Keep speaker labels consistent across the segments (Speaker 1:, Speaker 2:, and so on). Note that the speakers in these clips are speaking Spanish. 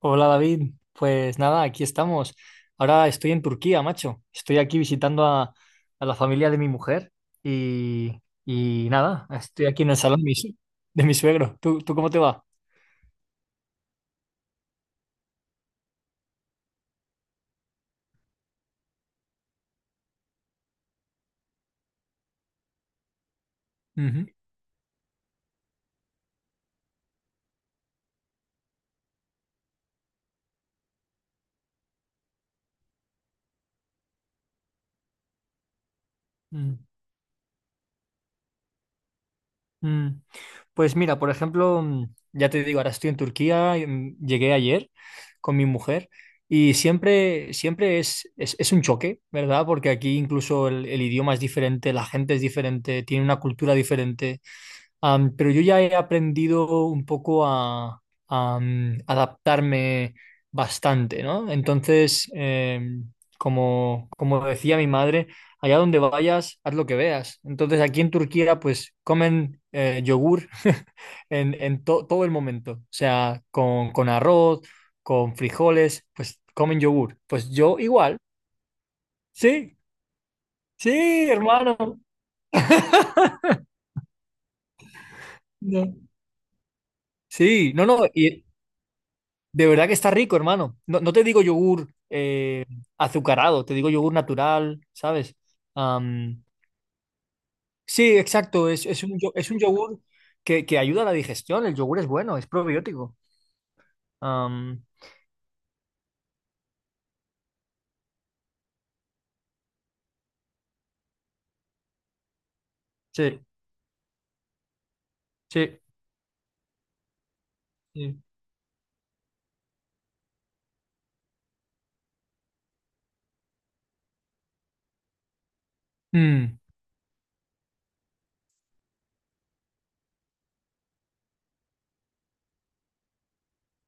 Speaker 1: Hola David, pues nada, aquí estamos. Ahora estoy en Turquía, macho. Estoy aquí visitando a la familia de mi mujer y, y nada, estoy aquí en el salón de de mi suegro. ¿Tú cómo te va? Ujú. Mm, mm. Pues mira, por ejemplo, ya te digo, ahora estoy en Turquía, llegué ayer con mi mujer y siempre es, es un choque, ¿verdad? Porque aquí incluso el idioma es diferente, la gente es diferente, tiene una cultura diferente. Pero yo ya he aprendido un poco a adaptarme bastante, ¿no? Entonces, como, como decía mi madre, allá donde vayas, haz lo que veas. Entonces, aquí en Turquía, pues comen yogur en, todo el momento, o sea, con arroz, con frijoles, pues comen yogur. Pues yo igual, sí, sí, hermano. No. Sí, no, no, y, de verdad que está rico, hermano. No, no te digo yogur azucarado, te digo yogur natural, ¿sabes? Am, sí, exacto. Es, es un yogur que ayuda a la digestión. El yogur es bueno, es probiótico. Am, sí, sí. Sí. Mm.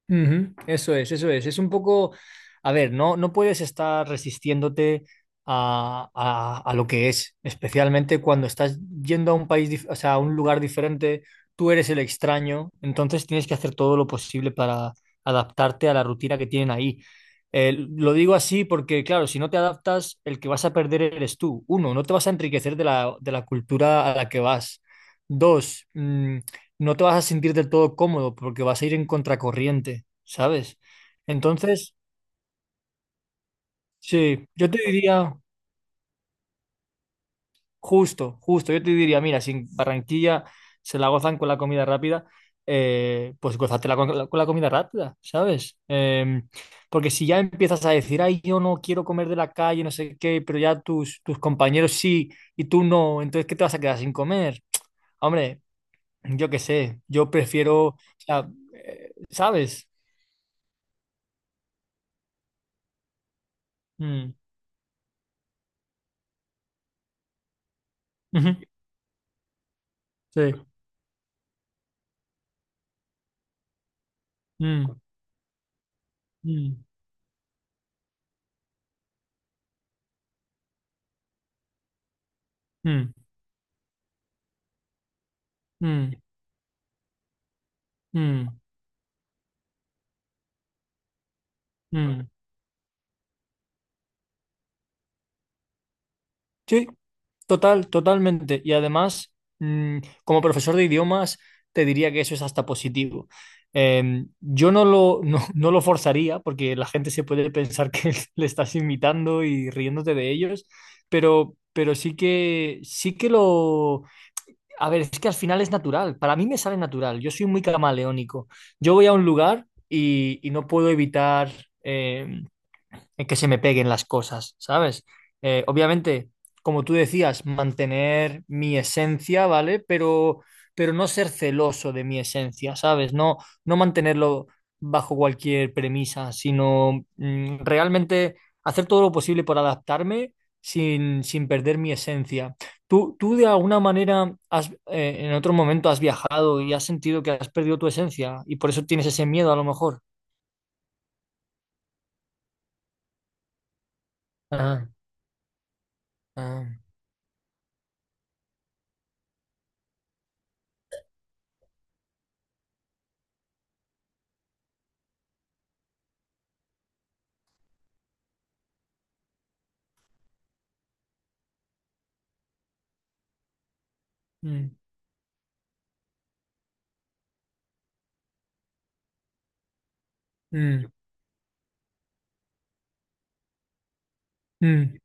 Speaker 1: Ujú. Eso es, eso es. Es un poco, a ver, no, no puedes estar resistiéndote a lo que es, especialmente cuando estás yendo a un o sea, a un lugar diferente, tú eres el extraño, entonces tienes que hacer todo lo posible para adaptarte a la rutina que tienen ahí. Lo digo así porque, claro, si no te adaptas, el que vas a perder eres tú. Uno, no te vas a enriquecer de de la cultura a la que vas. Dos, no te vas a sentir del todo cómodo porque vas a ir en contracorriente, ¿sabes? Entonces, sí, yo te diría, justo, justo, yo te diría, mira, si en Barranquilla se la gozan con la comida rápida, pues gózatela con la comida rápida, ¿sabes? Porque si ya empiezas a decir, ay, yo no quiero comer de la calle, no sé qué, pero ya tus compañeros sí y tú no, entonces, ¿qué te vas a quedar sin comer? Hombre, yo qué sé, yo prefiero, o sea, ¿sabes? Mm, ujú, sí. Mm, mm, mm, mm, mm, mm. Sí, total, totalmente. Y además, mm, como profesor de idiomas, te diría que eso es hasta positivo. Yo no lo, no, no lo forzaría porque la gente se puede pensar que le estás imitando y riéndote de ellos, pero sí que lo... A ver, es que al final es natural. Para mí me sale natural. Yo soy muy camaleónico. Yo voy a un lugar y no puedo evitar... em, en que se me peguen las cosas, ¿sabes? Obviamente, como tú decías, mantener mi esencia, ¿vale? Pero no ser celoso de mi esencia, ¿sabes? No, no mantenerlo bajo cualquier premisa, sino realmente hacer todo lo posible por adaptarme sin, sin perder mi esencia. ¿Tú de alguna manera has, en otro momento has viajado y has sentido que has perdido tu esencia y por eso tienes ese miedo a lo mejor? Ah, ah, mm, mm. Mm,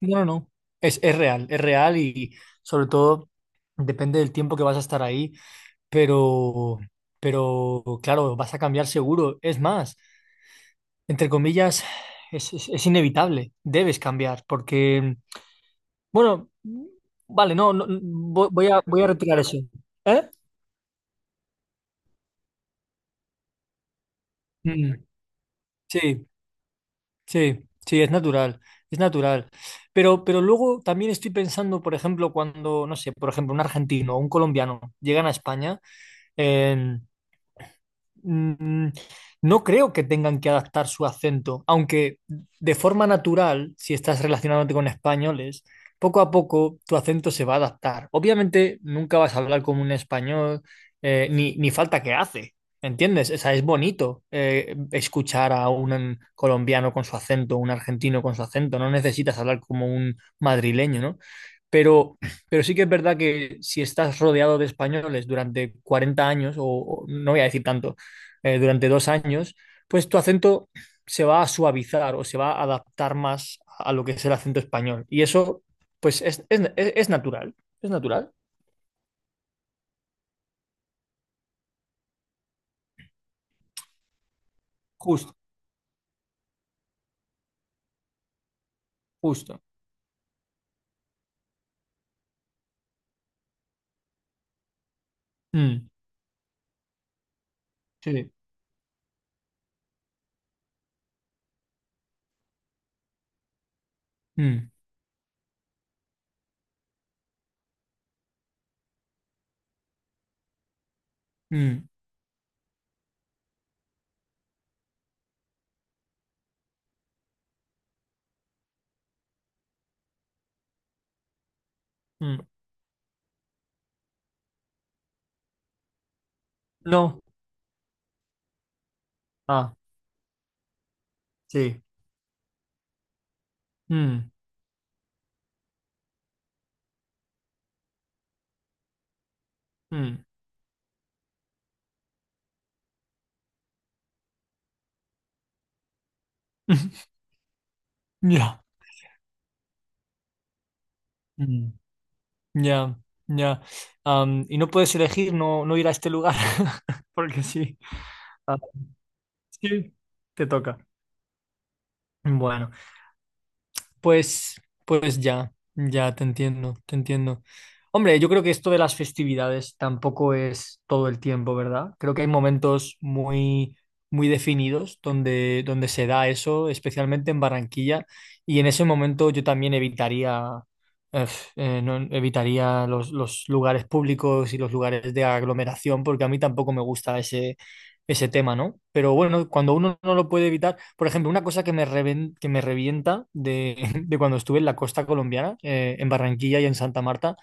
Speaker 1: No, no, no. Es real y sobre todo depende del tiempo que vas a estar ahí, pero, pero claro, vas a cambiar seguro. Es más, entre comillas, es inevitable, debes cambiar, porque, bueno, vale, no, no, voy a retirar eso. ¿Eh? Mm, sí, sí, sí, es natural, es natural. Pero luego también estoy pensando, por ejemplo, cuando, no sé, por ejemplo, un argentino o un colombiano llegan a España. En Mm, No creo que tengan que adaptar su acento, aunque de forma natural, si estás relacionándote con españoles, poco a poco tu acento se va a adaptar. Obviamente nunca vas a hablar como un español, ni falta que hace, ¿entiendes? O sea, es bonito escuchar a un colombiano con su acento, un argentino con su acento, no necesitas hablar como un madrileño, ¿no? Pero, pero sí que es verdad que si estás rodeado de españoles durante 40 años, o no voy a decir tanto, durante 2 años, pues tu acento se va a suavizar o se va a adaptar más a lo que es el acento español. Y eso, pues, es, es natural, es natural. Justo, justo. Mm, sí. Mm, mm, mm. No. Ah, sí. Mm, mm. Ya. Mm, Ya, ya. Y no puedes elegir no, no ir a este lugar, porque sí. Ah, sí, te toca. Bueno. Pues, pues ya, ya te entiendo, te entiendo. Hombre, yo creo que esto de las festividades tampoco es todo el tiempo, ¿verdad? Creo que hay momentos muy, muy definidos donde, donde se da eso, especialmente en Barranquilla, y en ese momento yo también evitaría, ef, no- evitaría los lugares públicos y los lugares de aglomeración, porque a mí tampoco me gusta ese tema, ¿no? Pero bueno, cuando uno no lo puede evitar, por ejemplo, una cosa que que me revienta de, de cuando estuve en la costa colombiana, en Barranquilla y en Santa Marta,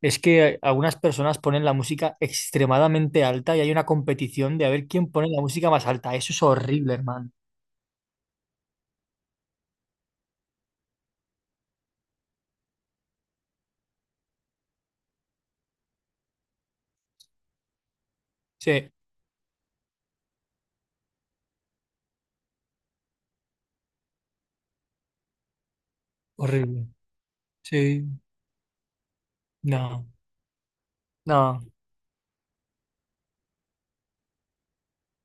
Speaker 1: es que algunas personas ponen la música extremadamente alta y hay una competición de a ver quién pone la música más alta. Eso es horrible, hermano. Sí, horrible. Sí, no, no,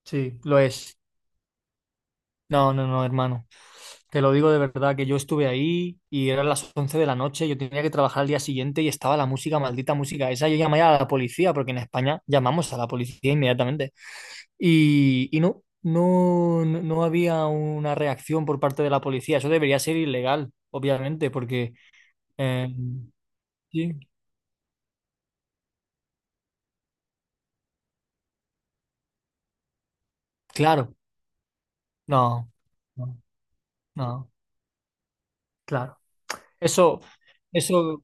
Speaker 1: sí, lo es. No, no, no, hermano. Te lo digo de verdad, que yo estuve ahí y eran las 11 de la noche, yo tenía que trabajar al día siguiente y estaba la música, maldita música esa. Yo llamé a la policía, porque en España llamamos a la policía inmediatamente. Y no, no, no había una reacción por parte de la policía. Eso debería ser ilegal, obviamente, porque... eh, sí, claro, no, no, no, claro. Eso, eso,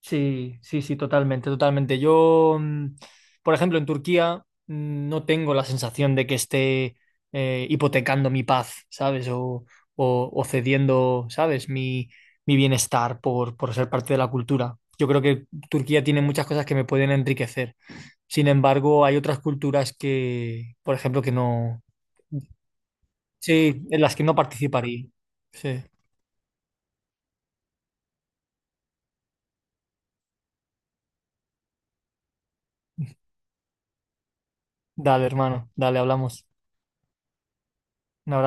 Speaker 1: sí, sí, sí, totalmente, totalmente. Yo, por ejemplo, en Turquía no tengo la sensación de que esté hipotecando mi paz, ¿sabes? O cediendo, ¿sabes? Mi bienestar por ser parte de la cultura. Yo creo que Turquía tiene muchas cosas que me pueden enriquecer. Sin embargo, hay otras culturas que, por ejemplo, que no... Sí, en las que no participaría. Sí. Dale, hermano, dale, hablamos. Un abrazo.